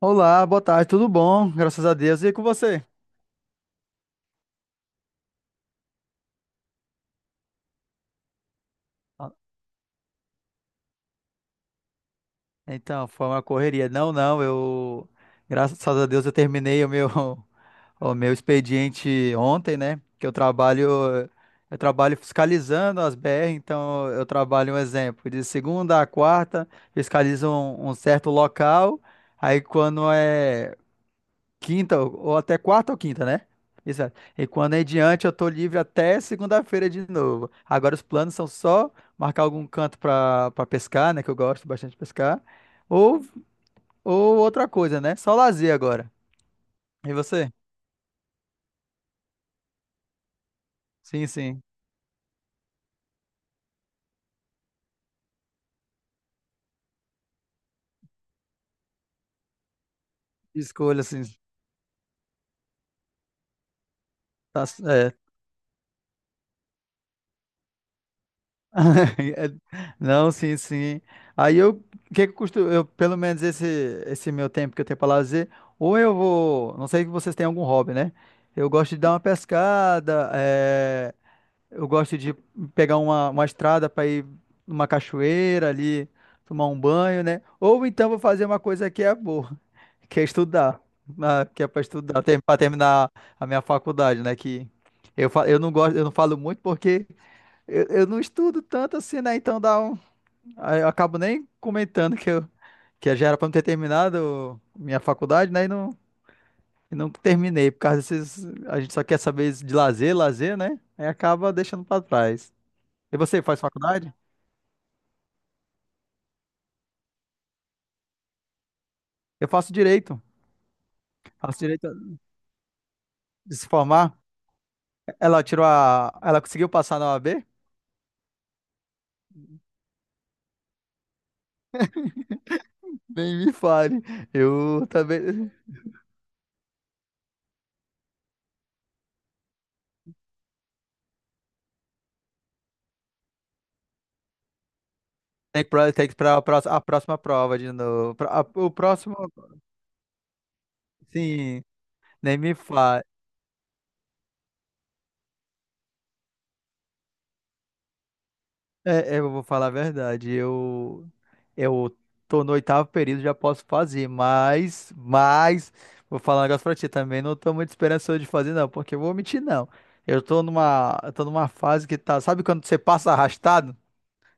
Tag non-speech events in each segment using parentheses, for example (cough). Olá, boa tarde, tudo bom? Graças a Deus. E com você? Ah, então, foi uma correria. Não, não, eu. Graças a Deus eu terminei o meu, (laughs) o meu expediente ontem, né? Que eu trabalho. Eu trabalho fiscalizando as BR, então eu trabalho um exemplo. De segunda a quarta, fiscalizo um certo local. Aí quando é. Quinta, ou até quarta ou quinta, né? Exato. E quando é em diante, eu tô livre até segunda-feira de novo. Agora os planos são só marcar algum canto pra pescar, né? Que eu gosto bastante de pescar. Ou, ou outra coisa, né? Só lazer agora. E você? Sim, sim. Escolha, assim. Tá, é, (laughs) Não, sim, sim. Aí eu, o que que custa, eu, pelo menos esse meu tempo que eu tenho para lazer, ou eu vou, não sei se vocês têm algum hobby, né? Eu gosto de dar uma pescada, eu gosto de pegar uma estrada para ir numa cachoeira ali, tomar um banho, né? Ou então vou fazer uma coisa que é boa, (laughs) que é estudar, que é para estudar, para terminar a minha faculdade, né? Que eu, eu não gosto, eu não falo muito porque eu não estudo tanto assim, né? Então dá um. Aí eu acabo nem comentando que eu que já era pra eu ter terminado minha faculdade, né? E não terminei, por causa desses. A gente só quer saber de lazer, lazer, né? Aí acaba deixando pra trás. E você faz faculdade? Eu faço direito. Faço direito de se formar. Ela tirou a. Ela conseguiu passar na OAB? Nem me fale. Eu também. Tem que pra a próxima prova de novo. O próximo. Sim, nem me fale. É, é, eu vou falar a verdade. Eu tô no oitavo período, já posso fazer, mas, vou falar um negócio pra ti também. Não tô muito esperançoso de fazer, não, porque eu vou mentir, não. Eu tô numa fase que tá. Sabe quando você passa arrastado?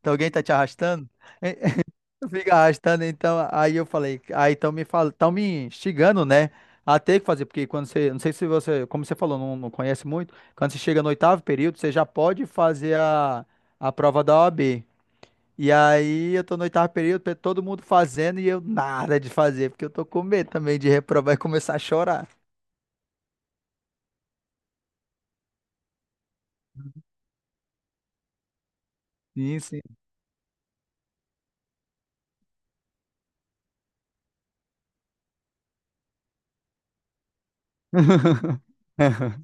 Então alguém tá te arrastando? É, é, fica arrastando, então. Aí eu falei, aí estão me fal, tão me instigando, né? A ter que fazer, porque quando você, não sei se você, como você falou, não, não conhece muito, quando você chega no oitavo período, você já pode fazer a prova da OAB. E aí eu tô no oitavo período, todo mundo fazendo e eu nada de fazer, porque eu tô com medo também de reprovar e começar a chorar. Sim, sim. (laughs)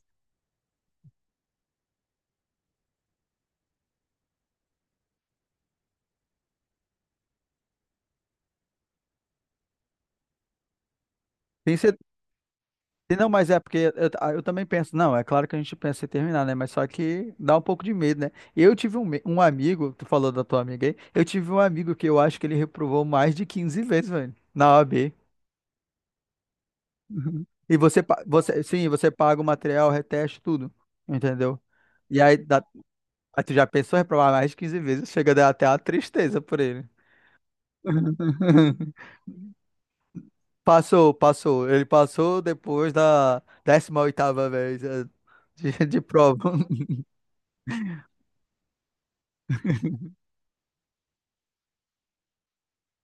Tem cer- Não, mas é porque eu também penso, não, é claro que a gente pensa em terminar, né? Mas só que dá um pouco de medo, né? Eu tive um amigo, tu falou da tua amiga aí, eu tive um amigo que eu acho que ele reprovou mais de 15 vezes, velho, na OAB. E você, sim, você paga o material, reteste, tudo, entendeu? E aí dá, mas tu já pensou em reprovar mais de 15 vezes? Chega a dar até uma tristeza por ele. (laughs) Passou, passou. Ele passou depois da 18ª vez, de prova.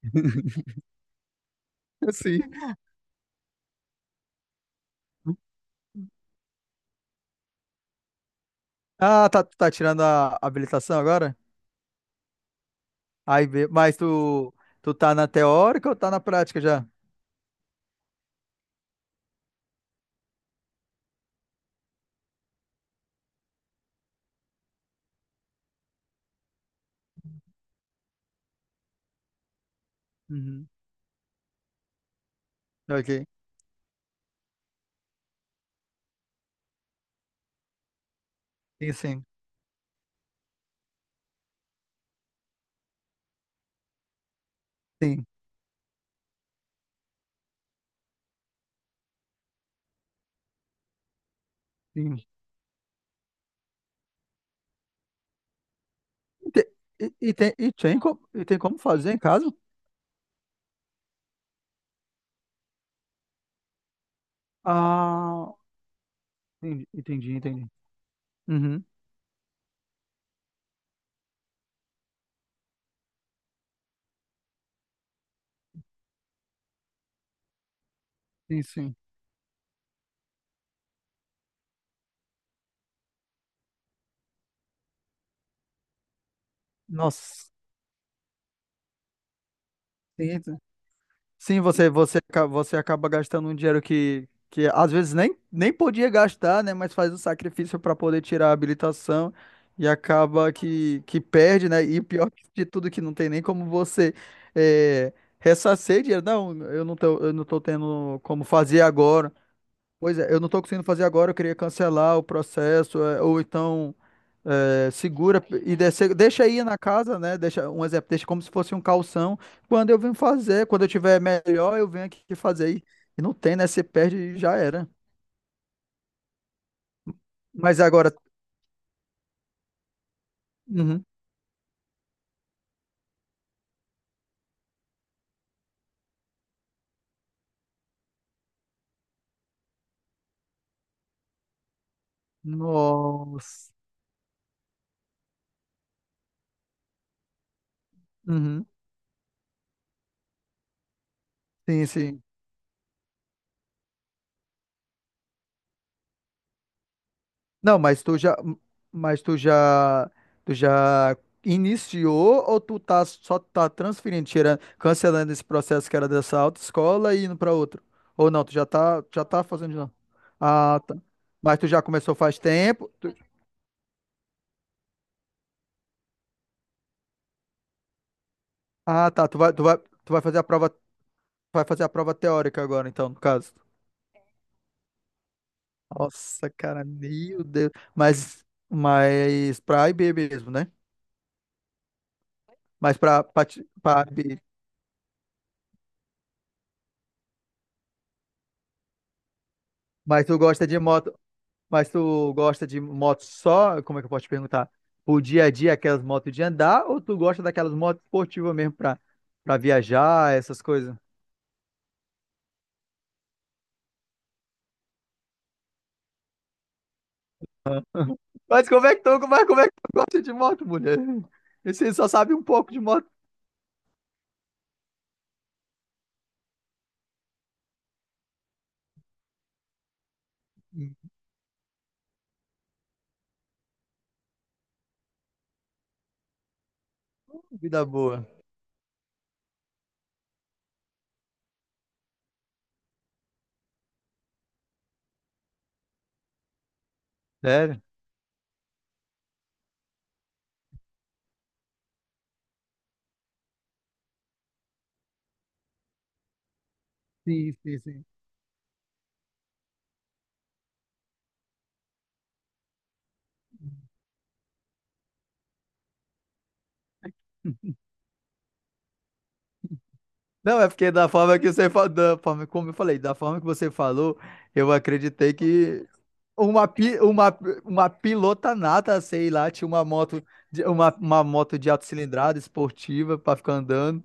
(laughs) Assim. Ah, tá, tu tá tirando a habilitação agora? Aí, mas tu tá na teórica ou tá na prática já? Uhum. Ok. Sim, sim, sim, sim. E, te- tem, e tem como fazer em casa? Ah, entendi, entendi. Entendi. Uhum. Sim, sim. Nossa, sim, sim, você acaba gastando um dinheiro que às vezes nem podia gastar, né? Mas faz um sacrifício para poder tirar a habilitação e acaba que perde, né? E pior de tudo, que não tem nem como você é, ressarcir dinheiro. Não, eu não tô tendo como fazer agora. Pois é, eu não estou conseguindo fazer agora, eu queria cancelar o processo, ou então segura e deixa aí na casa, né? Deixa um exemplo, deixa como se fosse um calção. Quando eu venho fazer, quando eu tiver melhor, eu venho aqui fazer. E não tem, né? Você perde e já era. Mas agora. Uhum. Nossa. Uhum. Sim, sim. Não, mas tu já, tu já iniciou ou tu tá só tá transferindo, tirando, cancelando esse processo que era dessa autoescola e indo para outro? Ou não, tu já tá fazendo de novo? Ah, tá. Mas tu já começou faz tempo? Ah, tá, tu vai fazer a prova, vai fazer a prova, teórica agora, então, no caso. Nossa, cara, meu Deus. Mas pra IB mesmo, né? Mas pra IB. Mas tu gosta de moto. Mas tu gosta de moto só, como é que eu posso te perguntar? O dia a dia, aquelas motos de andar, ou tu gosta daquelas motos esportivas mesmo pra viajar, essas coisas? Mas como é que tu gosta de moto, mulher? (laughs) Você só sabe um pouco de moto. Vida boa. Sério? Sim, sim, sim. Não, é porque da forma que você falou, da forma, como eu falei, da forma que você falou, eu acreditei que Uma, pi- uma, uma pilota nata, sei lá, tinha uma moto, uma moto de alta cilindrada esportiva para ficar andando.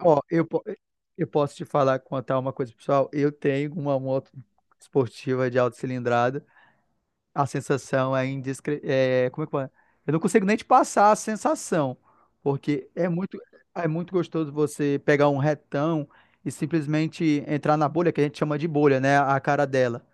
Ó, eu posso te falar, contar uma coisa, pessoal. Eu tenho uma moto esportiva de alta cilindrada. A sensação é como é que fala? Eu não consigo nem te passar a sensação, porque é muito, gostoso você pegar um retão e simplesmente entrar na bolha, que a gente chama de bolha, né? A cara dela.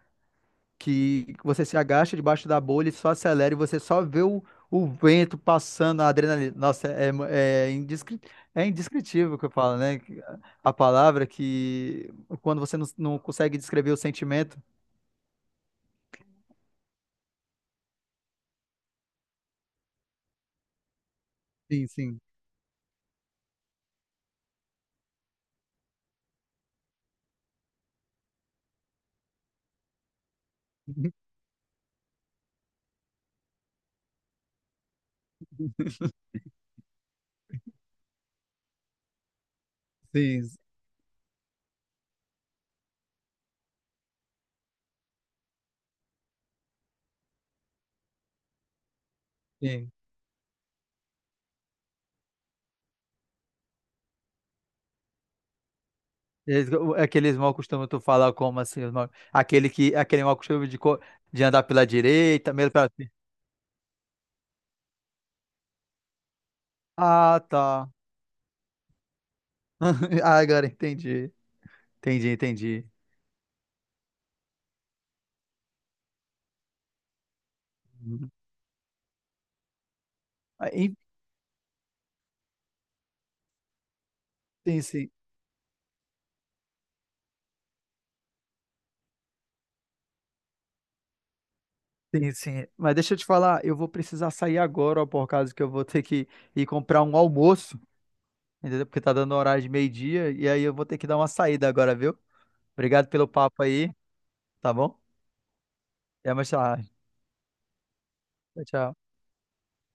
Que você se agacha debaixo da bolha e só acelera e você só vê o vento passando, a adrenalina. Nossa, é indescritível o que eu falo, né? A palavra que quando você não consegue descrever o sentimento. Sim, sim. (laughs) Sim, sim. Aqueles mal costumam tu falar como assim, aquele mal costume de andar pela direita, mesmo pela. Ah, tá. (laughs) Ah, agora entendi. Entendi, entendi. Uhum. Ah, en- Sim, sim. Sim, sim. Mas deixa eu te falar, eu vou precisar sair agora, ó, por causa que eu vou ter que ir comprar um almoço, entendeu? Porque tá dando horário de meio-dia, e aí eu vou ter que dar uma saída agora, viu? Obrigado pelo papo aí, tá bom? Até mais tarde. Tchau, tchau.